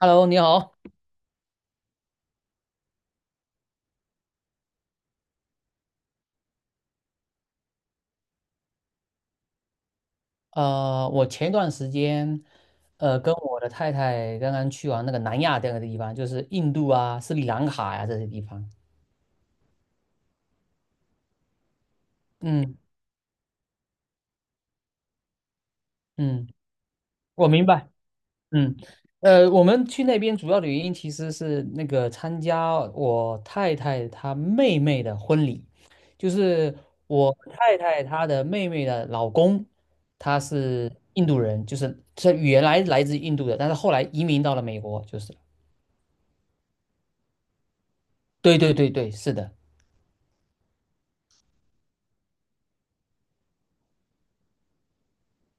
Hello，你好。我前段时间，跟我的太太刚刚去完那个南亚这个地方，就是印度啊、斯里兰卡呀、这些地方。嗯嗯，我明白。嗯，我们去那边主要的原因其实是那个参加我太太她妹妹的婚礼，就是我太太她的妹妹的老公，他是印度人，就是他原来来自印度的，但是后来移民到了美国，就是。对对对对，是的。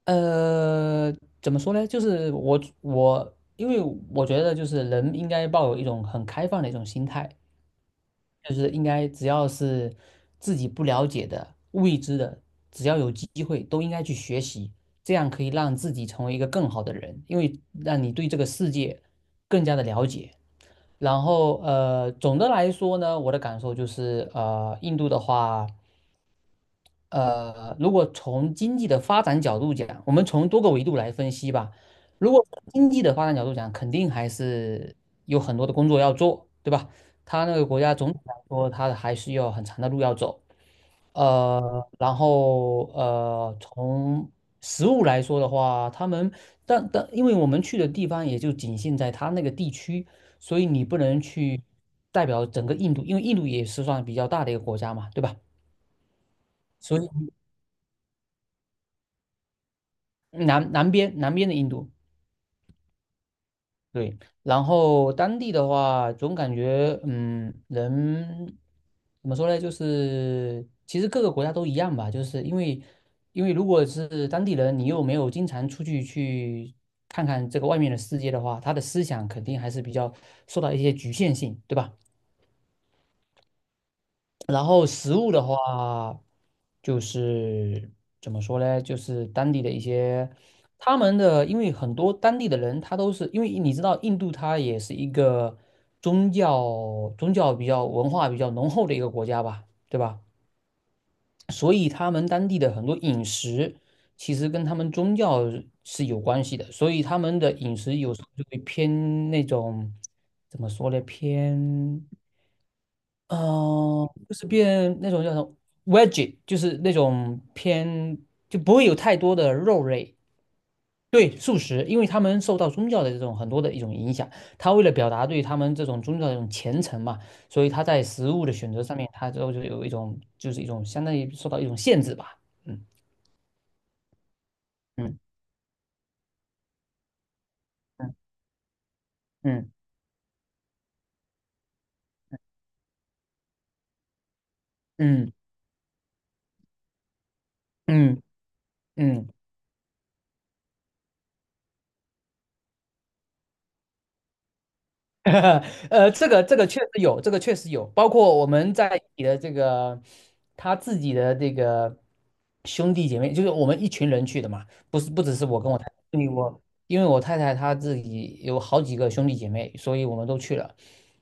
呃，怎么说呢？就是我我，因为我觉得就是人应该抱有一种很开放的一种心态，就是应该只要是自己不了解的、未知的，只要有机会都应该去学习，这样可以让自己成为一个更好的人，因为让你对这个世界更加的了解。然后总的来说呢，我的感受就是印度的话。如果从经济的发展角度讲，我们从多个维度来分析吧。如果从经济的发展角度讲，肯定还是有很多的工作要做，对吧？他那个国家总体来说，他还是有很长的路要走。然后从食物来说的话，他们但因为我们去的地方也就仅限在他那个地区，所以你不能去代表整个印度，因为印度也是算比较大的一个国家嘛，对吧？所以南边的印度，对，然后当地的话，总感觉嗯，人怎么说呢？就是其实各个国家都一样吧，因为如果是当地人，你又没有经常出去去看看这个外面的世界的话，他的思想肯定还是比较受到一些局限性，对吧？然后食物的话，就是怎么说呢？就是当地的一些他们的，因为很多当地的人，他都是因为你知道，印度它也是一个宗教比较文化比较浓厚的一个国家吧，对吧？所以他们当地的很多饮食其实跟他们宗教是有关系的，所以他们的饮食有时候就会偏那种怎么说呢？偏。哦，就是变那种叫什么 veggie,就是那种偏就不会有太多的肉类，对，素食，因为他们受到宗教的这种很多的一种影响，他为了表达对他们这种宗教的这种虔诚嘛，所以他在食物的选择上面，他就有一种就是一种相当于受到一种限制吧，嗯嗯嗯嗯嗯嗯嗯。嗯 这个这个确实有，这个确实有，包括我们在你的这个他自己的这个兄弟姐妹，就是我们一群人去的嘛，不是不只是我跟我太太，因为我太太她自己有好几个兄弟姐妹，所以我们都去了。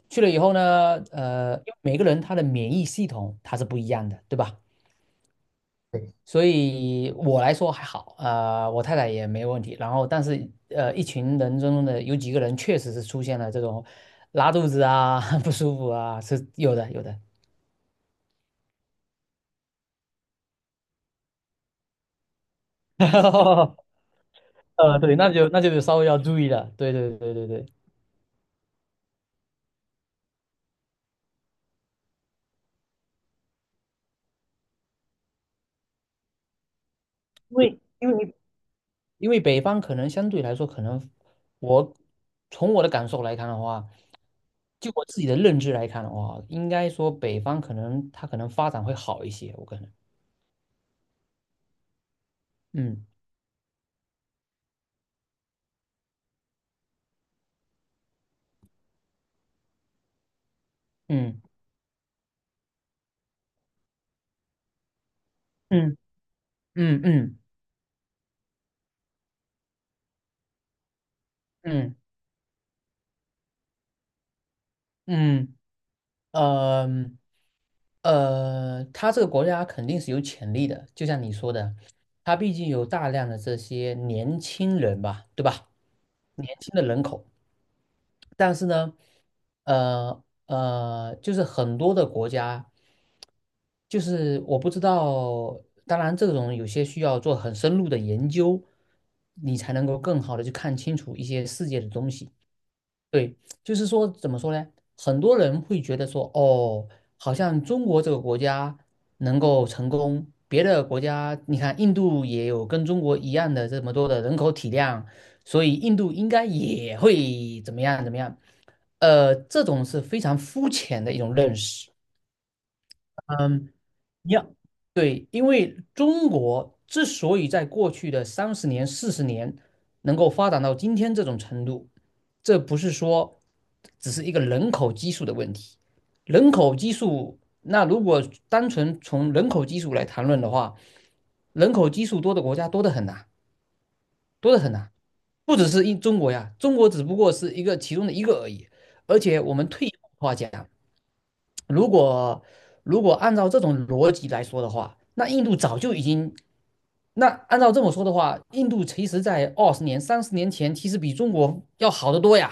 去了以后呢，因为每个人他的免疫系统它是不一样的，对吧？所以我来说还好，我太太也没问题。然后，但是一群人中的有几个人确实是出现了这种拉肚子啊、不舒服啊，是有的，有的。对，那就稍微要注意了。对对对对对，因为因为因为北方可能相对来说，可能我从我的感受来看的话，就我自己的认知来看的话，应该说北方可能它可能发展会好一些，我可能，嗯嗯嗯嗯嗯。嗯嗯呃他这个国家肯定是有潜力的，就像你说的，他毕竟有大量的这些年轻人吧，对吧？年轻的人口，但是呢，就是很多的国家，就是我不知道，当然这种有些需要做很深入的研究，你才能够更好的去看清楚一些世界的东西。对，就是说怎么说呢？很多人会觉得说，哦，好像中国这个国家能够成功，别的国家，你看印度也有跟中国一样的这么多的人口体量，所以印度应该也会怎么样怎么样。这种是非常肤浅的一种认识。嗯，一样，对，因为中国之所以在过去的三十年、40年能够发展到今天这种程度，这不是说只是一个人口基数的问题。人口基数，那如果单纯从人口基数来谈论的话，人口基数多的国家多得很呐，多得很呐，不只是一中国呀，中国只不过是一个其中的一个而已。而且我们退一步话讲，如果按照这种逻辑来说的话，那印度早就已经，那按照这么说的话，印度其实在20年、三十年前，其实比中国要好得多呀。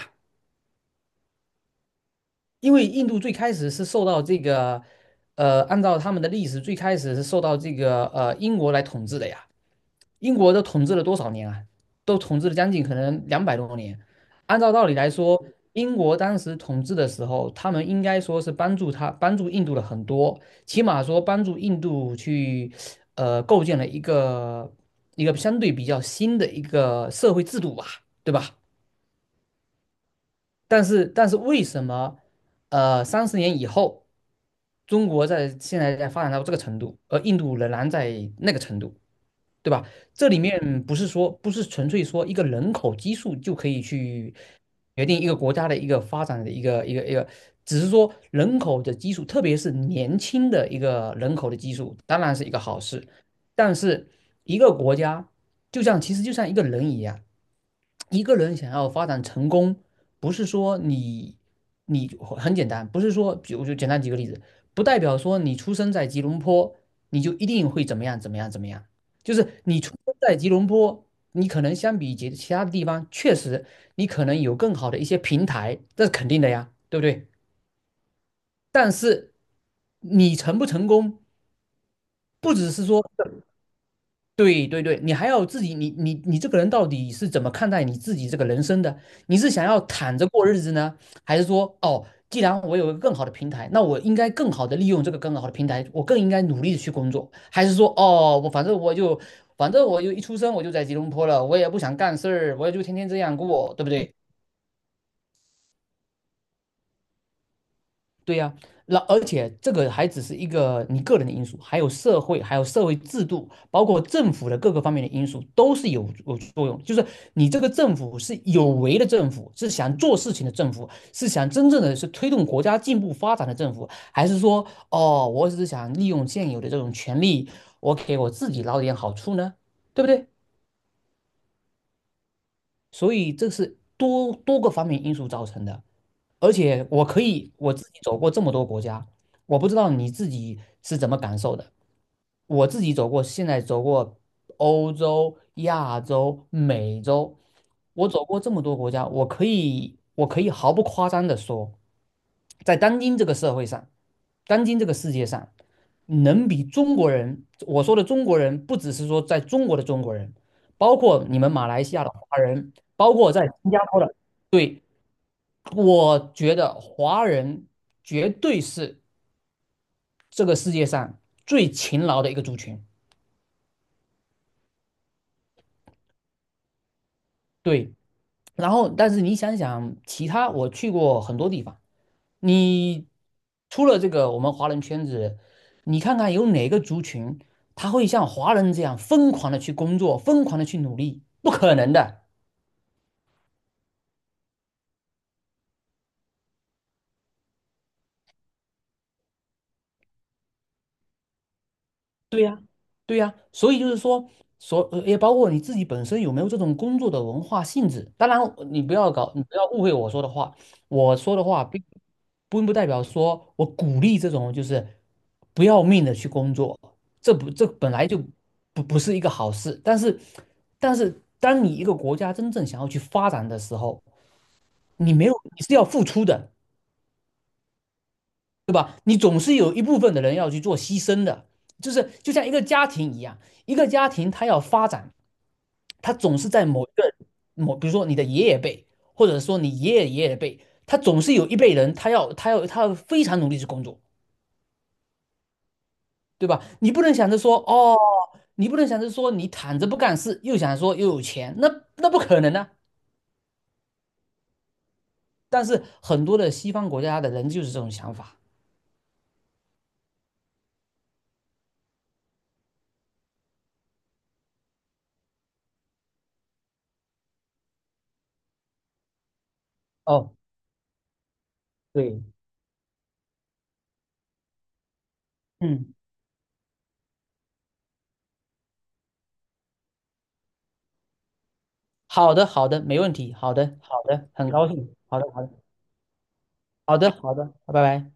因为印度最开始是受到这个，按照他们的历史，最开始是受到这个英国来统治的呀。英国都统治了多少年啊？都统治了将近可能200多年。按照道理来说，英国当时统治的时候，他们应该说是帮助印度了很多，起码说帮助印度去构建了一个一个相对比较新的一个社会制度吧，对吧？但是为什么三十年以后，中国在现在在发展到这个程度，而印度仍然在那个程度？对吧？这里面不是说不是纯粹说一个人口基数就可以去决定一个国家的一个发展的一个，只是说人口的基数，特别是年轻的一个人口的基数，当然是一个好事。但是一个国家就像其实就像一个人一样，一个人想要发展成功，不是说你很简单，不是说，比如就简单举个例子，不代表说你出生在吉隆坡，你就一定会怎么样怎么样怎么样。就是你出生在吉隆坡，你可能相比其他的地方，确实你可能有更好的一些平台，这是肯定的呀，对不对？但是你成不成功，不只是说对对对，你还要自己，你这个人到底是怎么看待你自己这个人生的？你是想要躺着过日子呢，还是说，哦，既然我有一个更好的平台，那我应该更好的利用这个更好的平台，我更应该努力的去工作，还是说，哦，我反正我就，反正我就一出生我就在吉隆坡了，我也不想干事儿，我也就天天这样过，对不对？对呀、那而且这个还只是一个你个人的因素，还有社会，还有社会制度，包括政府的各个方面的因素都是有作用。就是你这个政府是有为的政府，是想做事情的政府，是想真正的是推动国家进步发展的政府，还是说哦，我只是想利用现有的这种权利，我给我自己捞点好处呢？对不对？所以这是多个方面因素造成的。而且我可以我自己走过这么多国家，我不知道你自己是怎么感受的。我自己走过，现在走过欧洲、亚洲、美洲，我走过这么多国家，我可以毫不夸张的说，在当今这个社会上，当今这个世界上，能比中国人，我说的中国人，不只是说在中国的中国人，包括你们马来西亚的华人，包括在新加坡的，对。我觉得华人绝对是这个世界上最勤劳的一个族群。对，然后但是你想想，其他我去过很多地方，你除了这个我们华人圈子，你看看有哪个族群他会像华人这样疯狂的去工作，疯狂的去努力？不可能的。对呀。对呀，所以就是说，也包括你自己本身有没有这种工作的文化性质。当然，你不要误会我说的话。我说的话并不代表说我鼓励这种就是不要命的去工作，这本来就不是一个好事。但是，但是当你一个国家真正想要去发展的时候，你没有你是要付出的，对吧？你总是有一部分的人要去做牺牲的，就是就像一个家庭一样，一个家庭它要发展。他总是在某一个比如说你的爷爷辈，或者说你爷爷爷爷辈，他总是有一辈人，他要非常努力去工作，对吧？你不能想着说哦，你不能想着说你躺着不干事，又想说又有钱，那不可能啊。但是很多的西方国家的人就是这种想法。哦，对，嗯，好的，好的，没问题，好的，好的，很高兴，好的，好的，好的，好的，拜拜。